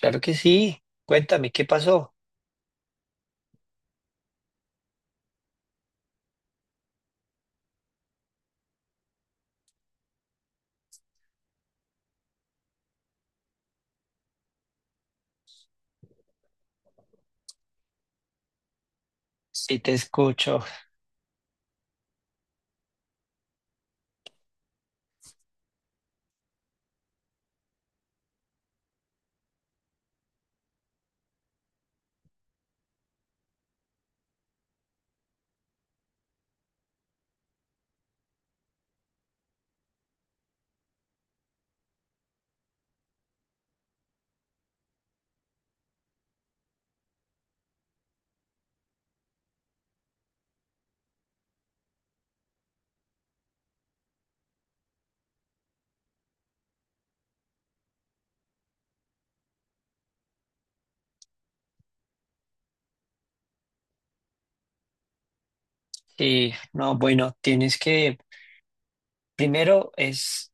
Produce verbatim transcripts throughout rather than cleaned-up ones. Claro que sí. Cuéntame, ¿qué pasó? Sí, te escucho. Sí, no, bueno, tienes que, primero es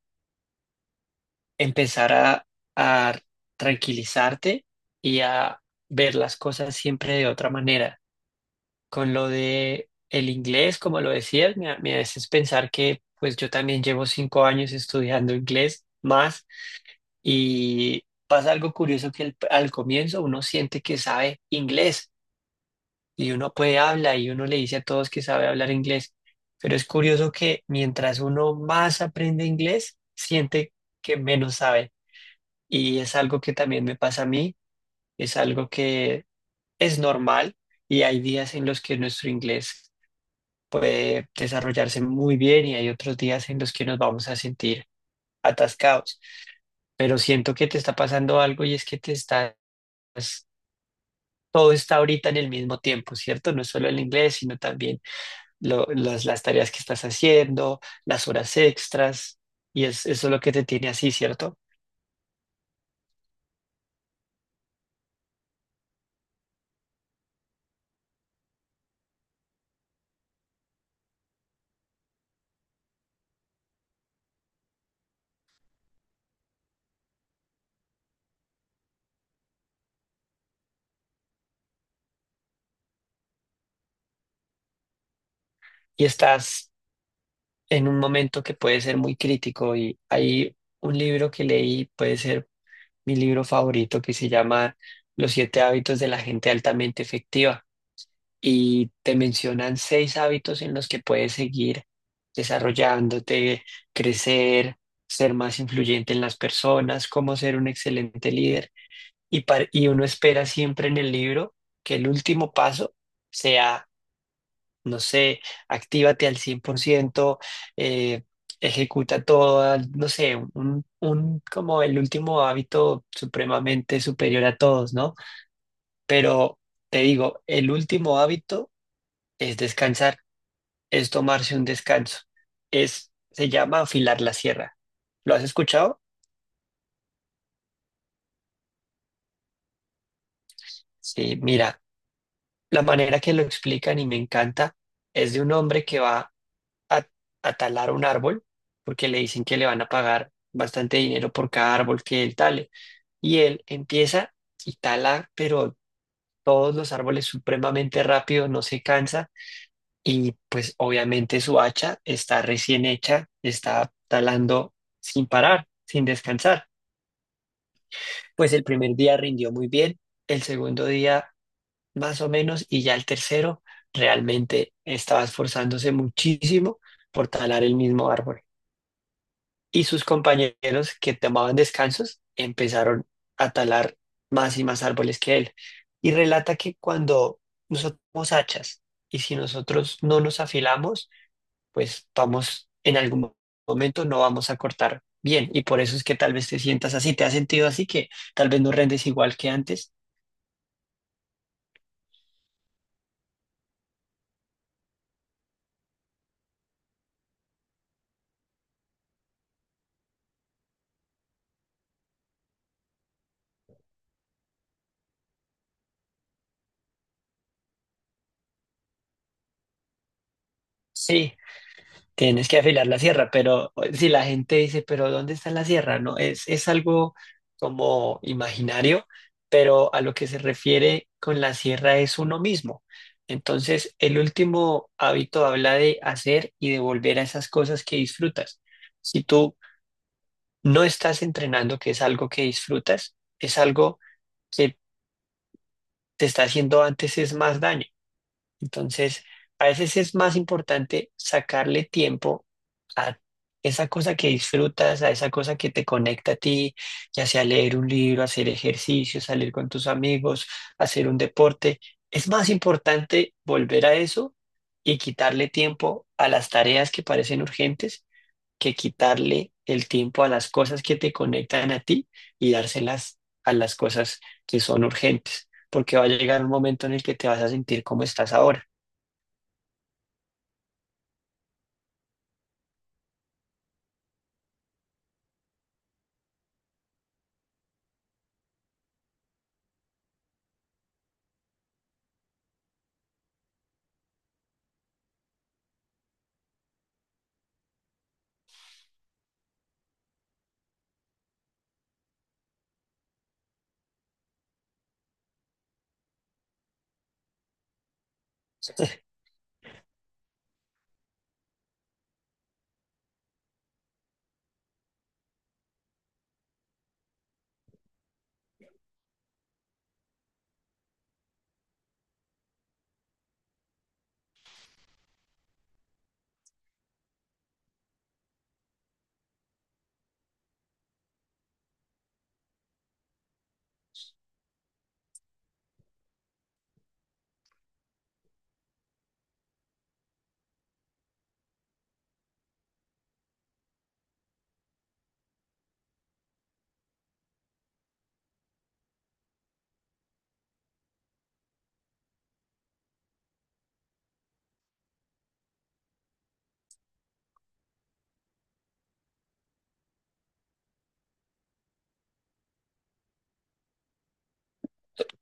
empezar a, a tranquilizarte y a ver las cosas siempre de otra manera. Con lo de el inglés, como lo decías, me, me haces pensar que pues yo también llevo cinco años estudiando inglés más y pasa algo curioso que al al comienzo uno siente que sabe inglés y uno puede hablar y uno le dice a todos que sabe hablar inglés, pero es curioso que mientras uno más aprende inglés, siente que menos sabe. Y es algo que también me pasa a mí, es algo que es normal y hay días en los que nuestro inglés puede desarrollarse muy bien y hay otros días en los que nos vamos a sentir atascados. Pero siento que te está pasando algo y es que te estás, todo está ahorita en el mismo tiempo, ¿cierto? No es solo el inglés, sino también lo- las, las tareas que estás haciendo, las horas extras, y es, eso es lo que te tiene así, ¿cierto? Y estás en un momento que puede ser muy crítico y hay un libro que leí, puede ser mi libro favorito, que se llama Los siete hábitos de la gente altamente efectiva, y te mencionan seis hábitos en los que puedes seguir desarrollándote, crecer, ser más influyente en las personas, cómo ser un excelente líder. Y, par- y uno espera siempre en el libro que el último paso sea, no sé, actívate al cien por ciento, eh, ejecuta todo, no sé, un, un, como el último hábito supremamente superior a todos, ¿no? Pero te digo, el último hábito es descansar, es tomarse un descanso, es, se llama afilar la sierra. ¿Lo has escuchado? Sí, mira, la manera que lo explican y me encanta es de un hombre que va a, a talar un árbol, porque le dicen que le van a pagar bastante dinero por cada árbol que él tale. Y él empieza y tala, pero todos los árboles supremamente rápido, no se cansa. Y pues obviamente su hacha está recién hecha, está talando sin parar, sin descansar. Pues el primer día rindió muy bien, el segundo día más o menos, y ya el tercero realmente estaba esforzándose muchísimo por talar el mismo árbol. Y sus compañeros que tomaban descansos empezaron a talar más y más árboles que él. Y relata que cuando nosotros somos hachas y si nosotros no nos afilamos, pues vamos, en algún momento no vamos a cortar bien. Y por eso es que tal vez te sientas así, te has sentido así que tal vez no rendes igual que antes. Sí, tienes que afilar la sierra, pero eh, si la gente dice, pero ¿dónde está la sierra? No, es, es algo como imaginario, pero a lo que se refiere con la sierra es uno mismo. Entonces, el último hábito habla de hacer y de volver a esas cosas que disfrutas. Si tú no estás entrenando, que es algo que disfrutas, es algo que te está haciendo antes es más daño. Entonces, a veces es más importante sacarle tiempo a esa cosa que disfrutas, a esa cosa que te conecta a ti, ya sea leer un libro, hacer ejercicio, salir con tus amigos, hacer un deporte. Es más importante volver a eso y quitarle tiempo a las tareas que parecen urgentes que quitarle el tiempo a las cosas que te conectan a ti y dárselas a las cosas que son urgentes, porque va a llegar un momento en el que te vas a sentir como estás ahora.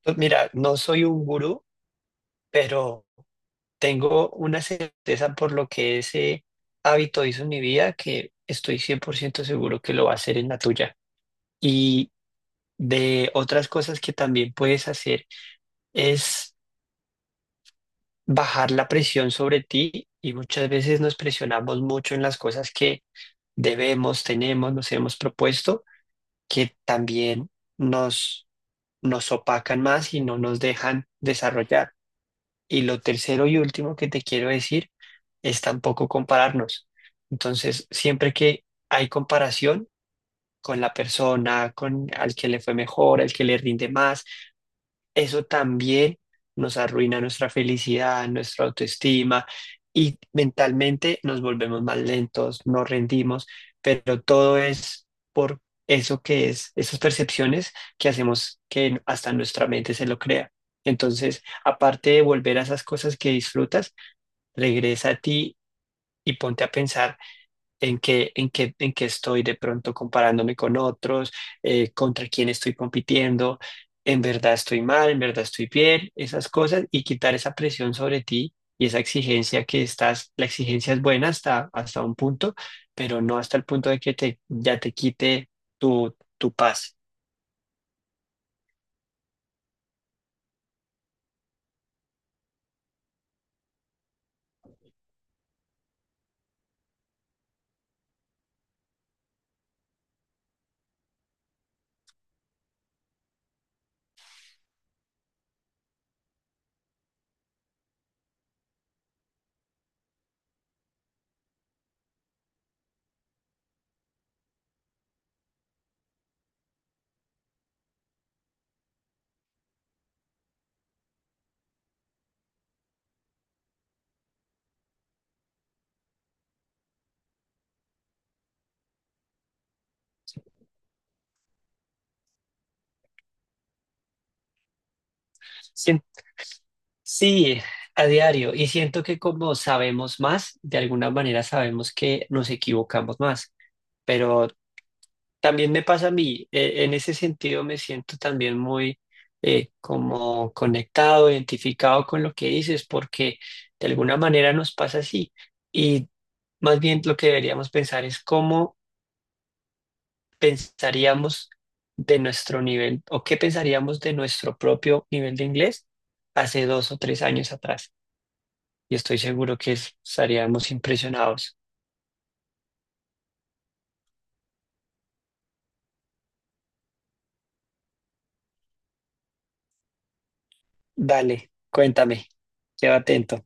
Pues mira, no soy un gurú, pero tengo una certeza por lo que ese hábito hizo en mi vida que estoy cien por ciento seguro que lo va a hacer en la tuya. Y de otras cosas que también puedes hacer es bajar la presión sobre ti y muchas veces nos presionamos mucho en las cosas que debemos, tenemos, nos hemos propuesto, que también nos, nos opacan más y no nos dejan desarrollar. Y lo tercero y último que te quiero decir es tampoco compararnos. Entonces, siempre que hay comparación con la persona, con al que le fue mejor, al que le rinde más, eso también nos arruina nuestra felicidad, nuestra autoestima y mentalmente nos volvemos más lentos, nos rendimos, pero todo es por eso que es, esas percepciones que hacemos que hasta nuestra mente se lo crea. Entonces, aparte de volver a esas cosas que disfrutas, regresa a ti y ponte a pensar en qué, en qué, en qué estoy de pronto comparándome con otros, eh, contra quién estoy compitiendo, en verdad estoy mal, en verdad estoy bien, esas cosas y quitar esa presión sobre ti y esa exigencia que estás, la exigencia es buena hasta, hasta un punto, pero no hasta el punto de que te, ya te quite tu, tu paz. Sien- Sí, a diario. Y siento que como sabemos más, de alguna manera sabemos que nos equivocamos más, pero también me pasa a mí, eh, en ese sentido me siento también muy eh, como conectado, identificado con lo que dices, porque de alguna manera nos pasa así. Y más bien lo que deberíamos pensar es cómo pensaríamos de nuestro nivel o qué pensaríamos de nuestro propio nivel de inglés hace dos o tres años atrás. Y estoy seguro que estaríamos impresionados. Dale, cuéntame, quedo atento.